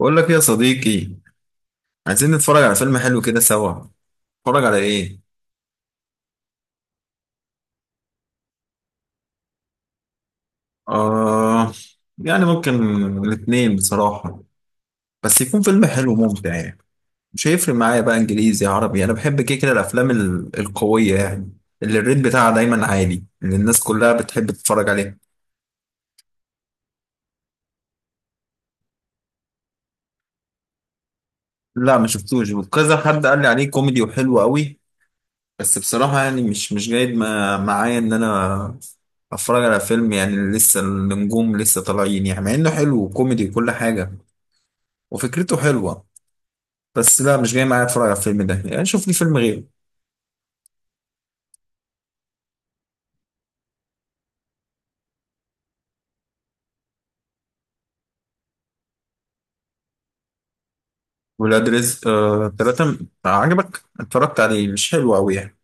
بقول لك إيه يا صديقي؟ عايزين نتفرج على فيلم حلو كده سوا. نتفرج على ايه؟ آه، يعني ممكن الاثنين بصراحة، بس يكون فيلم حلو ممتع يعني. مش هيفرق معايا بقى انجليزي عربي، انا بحب كده كده الافلام القوية يعني، اللي الريت بتاعها دايما عالي، اللي الناس كلها بتحب تتفرج عليه. لا ما شفتوش، وكذا حد قال لي عليه كوميدي وحلو قوي، بس بصراحة يعني مش جايد معايا إن أنا أتفرج على فيلم يعني لسه النجوم لسه طالعين يعني، مع إنه حلو وكوميدي وكل حاجة وفكرته حلوة، بس لا مش جاي معايا أتفرج على الفيلم ده، يعني شوف لي فيلم غيره. ولاد رزق آه تلاتة، عجبك؟ اتفرجت عليه مش حلو أوي يعني.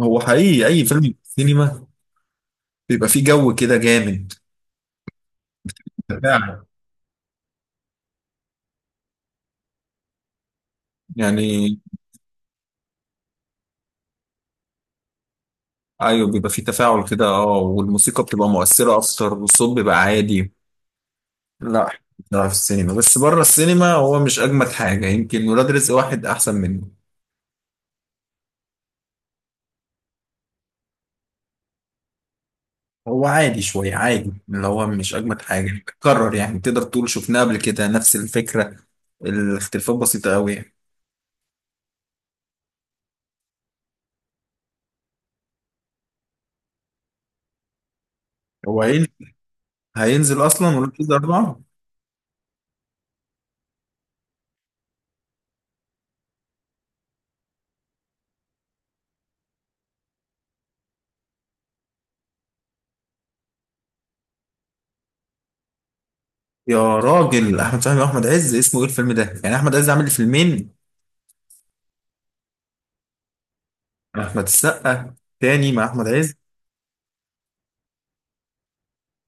هو حقيقي أي فيلم سينما بيبقى فيه جو كده جامد. تفاعل يعني. أيوه بيبقى فيه تفاعل كده، أه، والموسيقى بتبقى مؤثرة أكتر والصوت بيبقى عادي. لا، بصراحة في السينما، بس بره السينما هو مش أجمد حاجة، يمكن ولاد رزق واحد أحسن منه. هو عادي شوية، عادي، اللي هو مش أجمد حاجة، بتكرر يعني، تقدر تقول شفناه قبل كده، نفس الفكرة، الاختلافات بسيطة أوي يعني. هو هين- هينزل أصلا ولاد رزق أربعة. يا راجل، أحمد فهمي وأحمد عز اسمه إيه الفيلم ده؟ يعني أحمد عز عامل فيلمين. أحمد السقا تاني مع أحمد عز،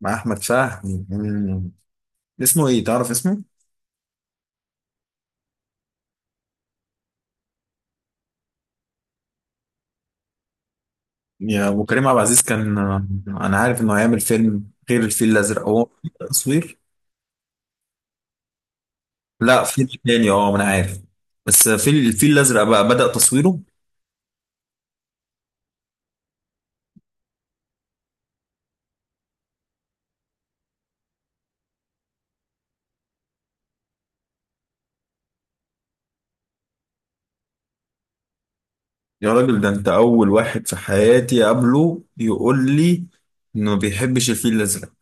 مع أحمد فهمي. مم. اسمه إيه، تعرف اسمه؟ يا ابو، كريم عبد العزيز كان، انا عارف انه هيعمل فيلم غير الفيل الازرق هو، تصوير. لا فيلم تاني، اه ما انا عارف، بس الفيل الازرق بقى بدأ تصويره. يا راجل، ده انت اول واحد في حياتي اقابله يقول لي انه ما بيحبش الفيل الازرق.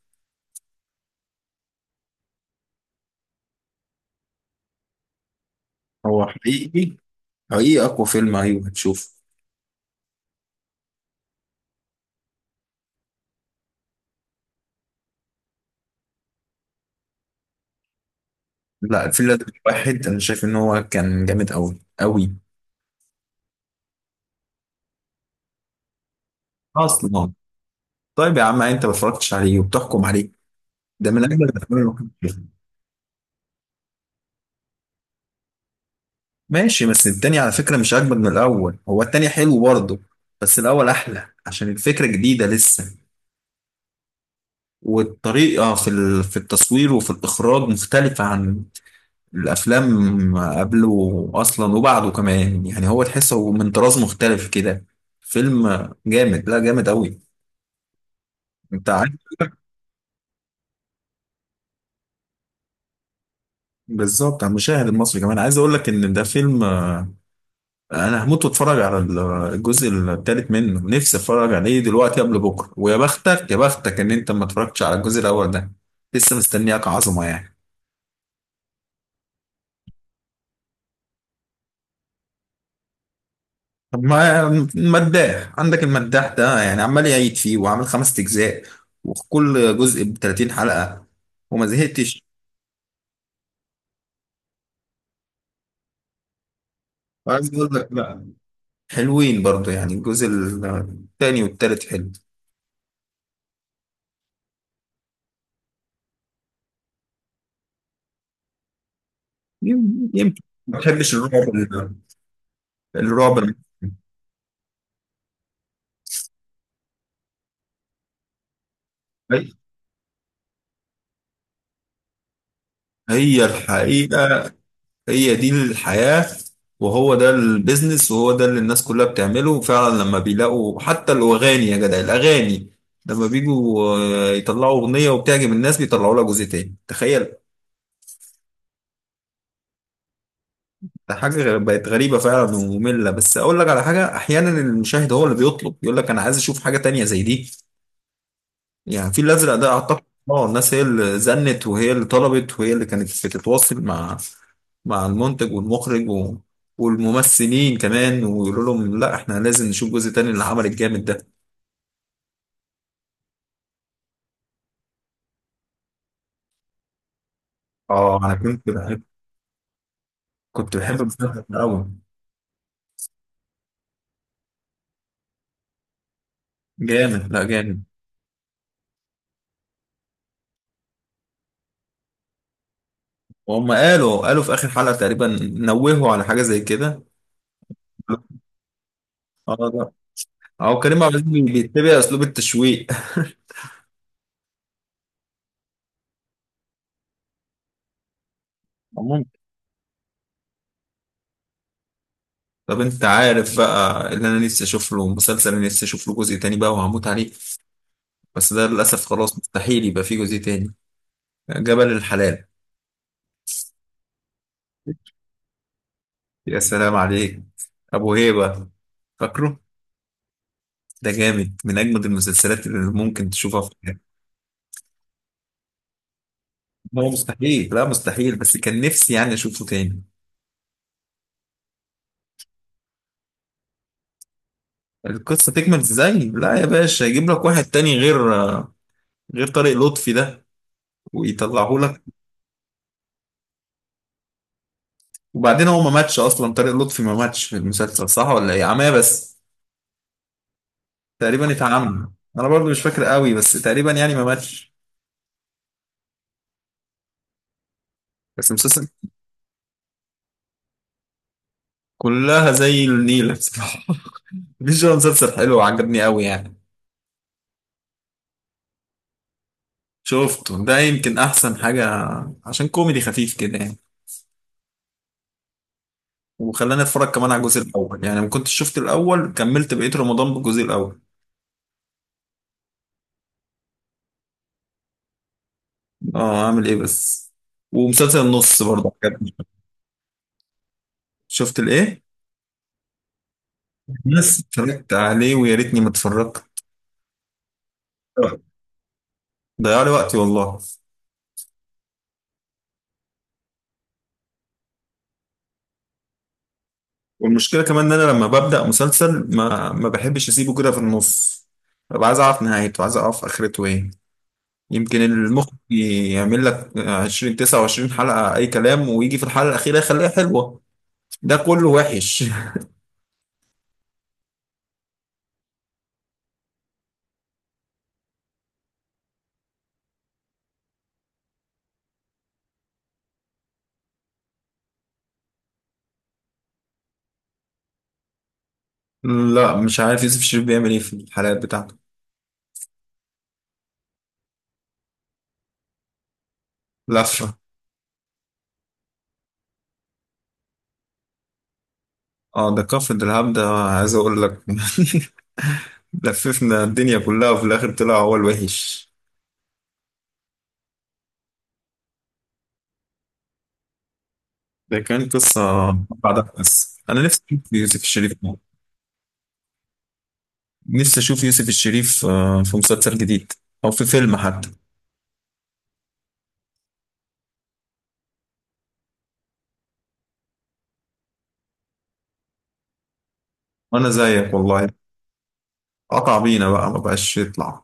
هو حقيقي، حقيقي اقوى فيلم، ايوه هتشوفه. لا الفيل الازرق واحد انا شايف ان هو كان جامد قوي قوي اصلا. طيب يا عم، انت ما اتفرجتش عليه وبتحكم عليه؟ ده من اجمل الافلام اللي ممكن تشوفها. ماشي، بس التاني على فكرة مش أجمد من الأول، هو التاني حلو برضه، بس الأول أحلى عشان الفكرة جديدة لسه، والطريقة في في التصوير وفي الإخراج مختلفة عن الأفلام قبله أصلا وبعده كمان يعني، هو تحسه هو من طراز مختلف كده. فيلم جامد، لا جامد أوي، أنت عارف. بالظبط، على المشاهد المصري كمان، عايز أقول لك إن ده فيلم انا هموت واتفرج على الجزء الثالث منه، نفسي اتفرج عليه دلوقتي قبل بكره، ويا بختك يا بختك ان انت ما اتفرجتش على الجزء الاول ده، لسه مستنياك عظمه يعني. طب ما المداح عندك، المداح ده يعني عمال يعيد فيه وعامل خمس اجزاء، وكل جزء ب 30 حلقه وما زهقتش. عايز اقول لك لا، حلوين برضو يعني الجزء الثاني والثالث حلو. يمكن ما بحبش الرعب، الرعب. هي الحقيقة، هي دي الحياة، وهو ده البيزنس، وهو ده اللي الناس كلها بتعمله فعلا، لما بيلاقوا حتى الأغاني، يا جدع الأغاني لما بيجوا آه، يطلعوا أغنية وبتعجب الناس بيطلعوا لها جزء تاني، تخيل. ده حاجة بقت غريبة فعلا ومملة، بس أقول لك على حاجة، أحيانا المشاهد هو اللي بيطلب يقول لك أنا عايز أشوف حاجة تانية زي دي، يعني الفيل الأزرق ده أعتقد، اه الناس هي اللي زنت وهي اللي طلبت وهي اللي كانت بتتواصل مع المنتج والمخرج والممثلين كمان، ويقولوا لهم لا احنا لازم نشوف جزء تاني للعمل الجامد ده. اه انا كنت بحب المسلسل ده قوي، جامد لا جامد. وهم قالوا في اخر حلقة تقريبا نوهوا على حاجة زي كده. اه، لا، اه كريم عبد العزيز بيتبع اسلوب التشويق عموما، طب انت عارف بقى، اللي انا نفسي اشوف له مسلسل، انا نفسي اشوف له جزء تاني بقى وهموت عليه، بس ده للأسف خلاص مستحيل يبقى فيه جزء تاني، جبل الحلال. يا سلام عليك، أبو هيبة، فاكره؟ ده جامد من أجمد المسلسلات اللي ممكن تشوفها في حياتك. هو مستحيل، لا مستحيل، بس كان نفسي يعني أشوفه تاني. القصة تكمل إزاي؟ لا يا باشا، يجيب لك واحد تاني غير، غير طارق لطفي ده، ويطلعه لك. وبعدين هو ما ماتش أصلا، طارق لطفي ما ماتش في المسلسل، صح ولا إيه؟ عماه بس، تقريبا اتعمى. أنا برضو مش فاكر قوي، بس تقريبا يعني ما ماتش، بس المسلسل. كلها زي النيلة بصراحة مفيش. هو مسلسل حلو وعجبني قوي يعني، شفته ده يمكن أحسن حاجة، عشان كوميدي خفيف كده يعني، وخلاني أتفرج كمان على الجزء الأول، يعني ما كنتش شفت الأول، كملت بقية رمضان بالجزء الأول. أه، أعمل إيه بس. ومسلسل النص برضه عجبني. شفت الإيه؟ بس اتفرجت عليه ويا ريتني ما اتفرجت، ضيع لي وقتي والله. والمشكلة كمان إن أنا لما ببدأ مسلسل ما بحبش أسيبه كده في النص، ببقى عايز أعرف نهايته، عايز أعرف آخرته إيه. يمكن المخ يعمل لك 20 29 حلقة أي كلام ويجي في الحلقة الأخيرة يخليها حلوة، ده كله وحش. لا مش عارف يوسف الشريف بيعمل إيه في الحلقات بتاعته، لفة. اه ده كفر دلهاب ده، عايز أقول لك لففنا الدنيا كلها وفي الآخر طلع هو الوحش. ده كان قصة بعدها، بس أنا نفسي أشوف يوسف الشريف، نفسي أشوف يوسف الشريف آه، في مسلسل جديد أو في فيلم حتى. وأنا زيك والله، قطع بينا بقى ما بقاش يطلع.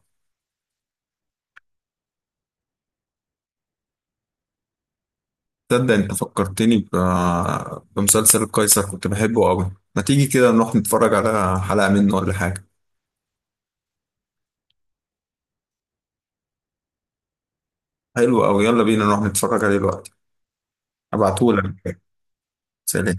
تصدق انت فكرتني بمسلسل القيصر، كنت بحبه قوي. ما تيجي كده نروح نتفرج على حلقة منه ولا حاجة؟ حلو قوي، يلا بينا نروح نتفرج عليه دلوقتي، هبعتهولك، سلام.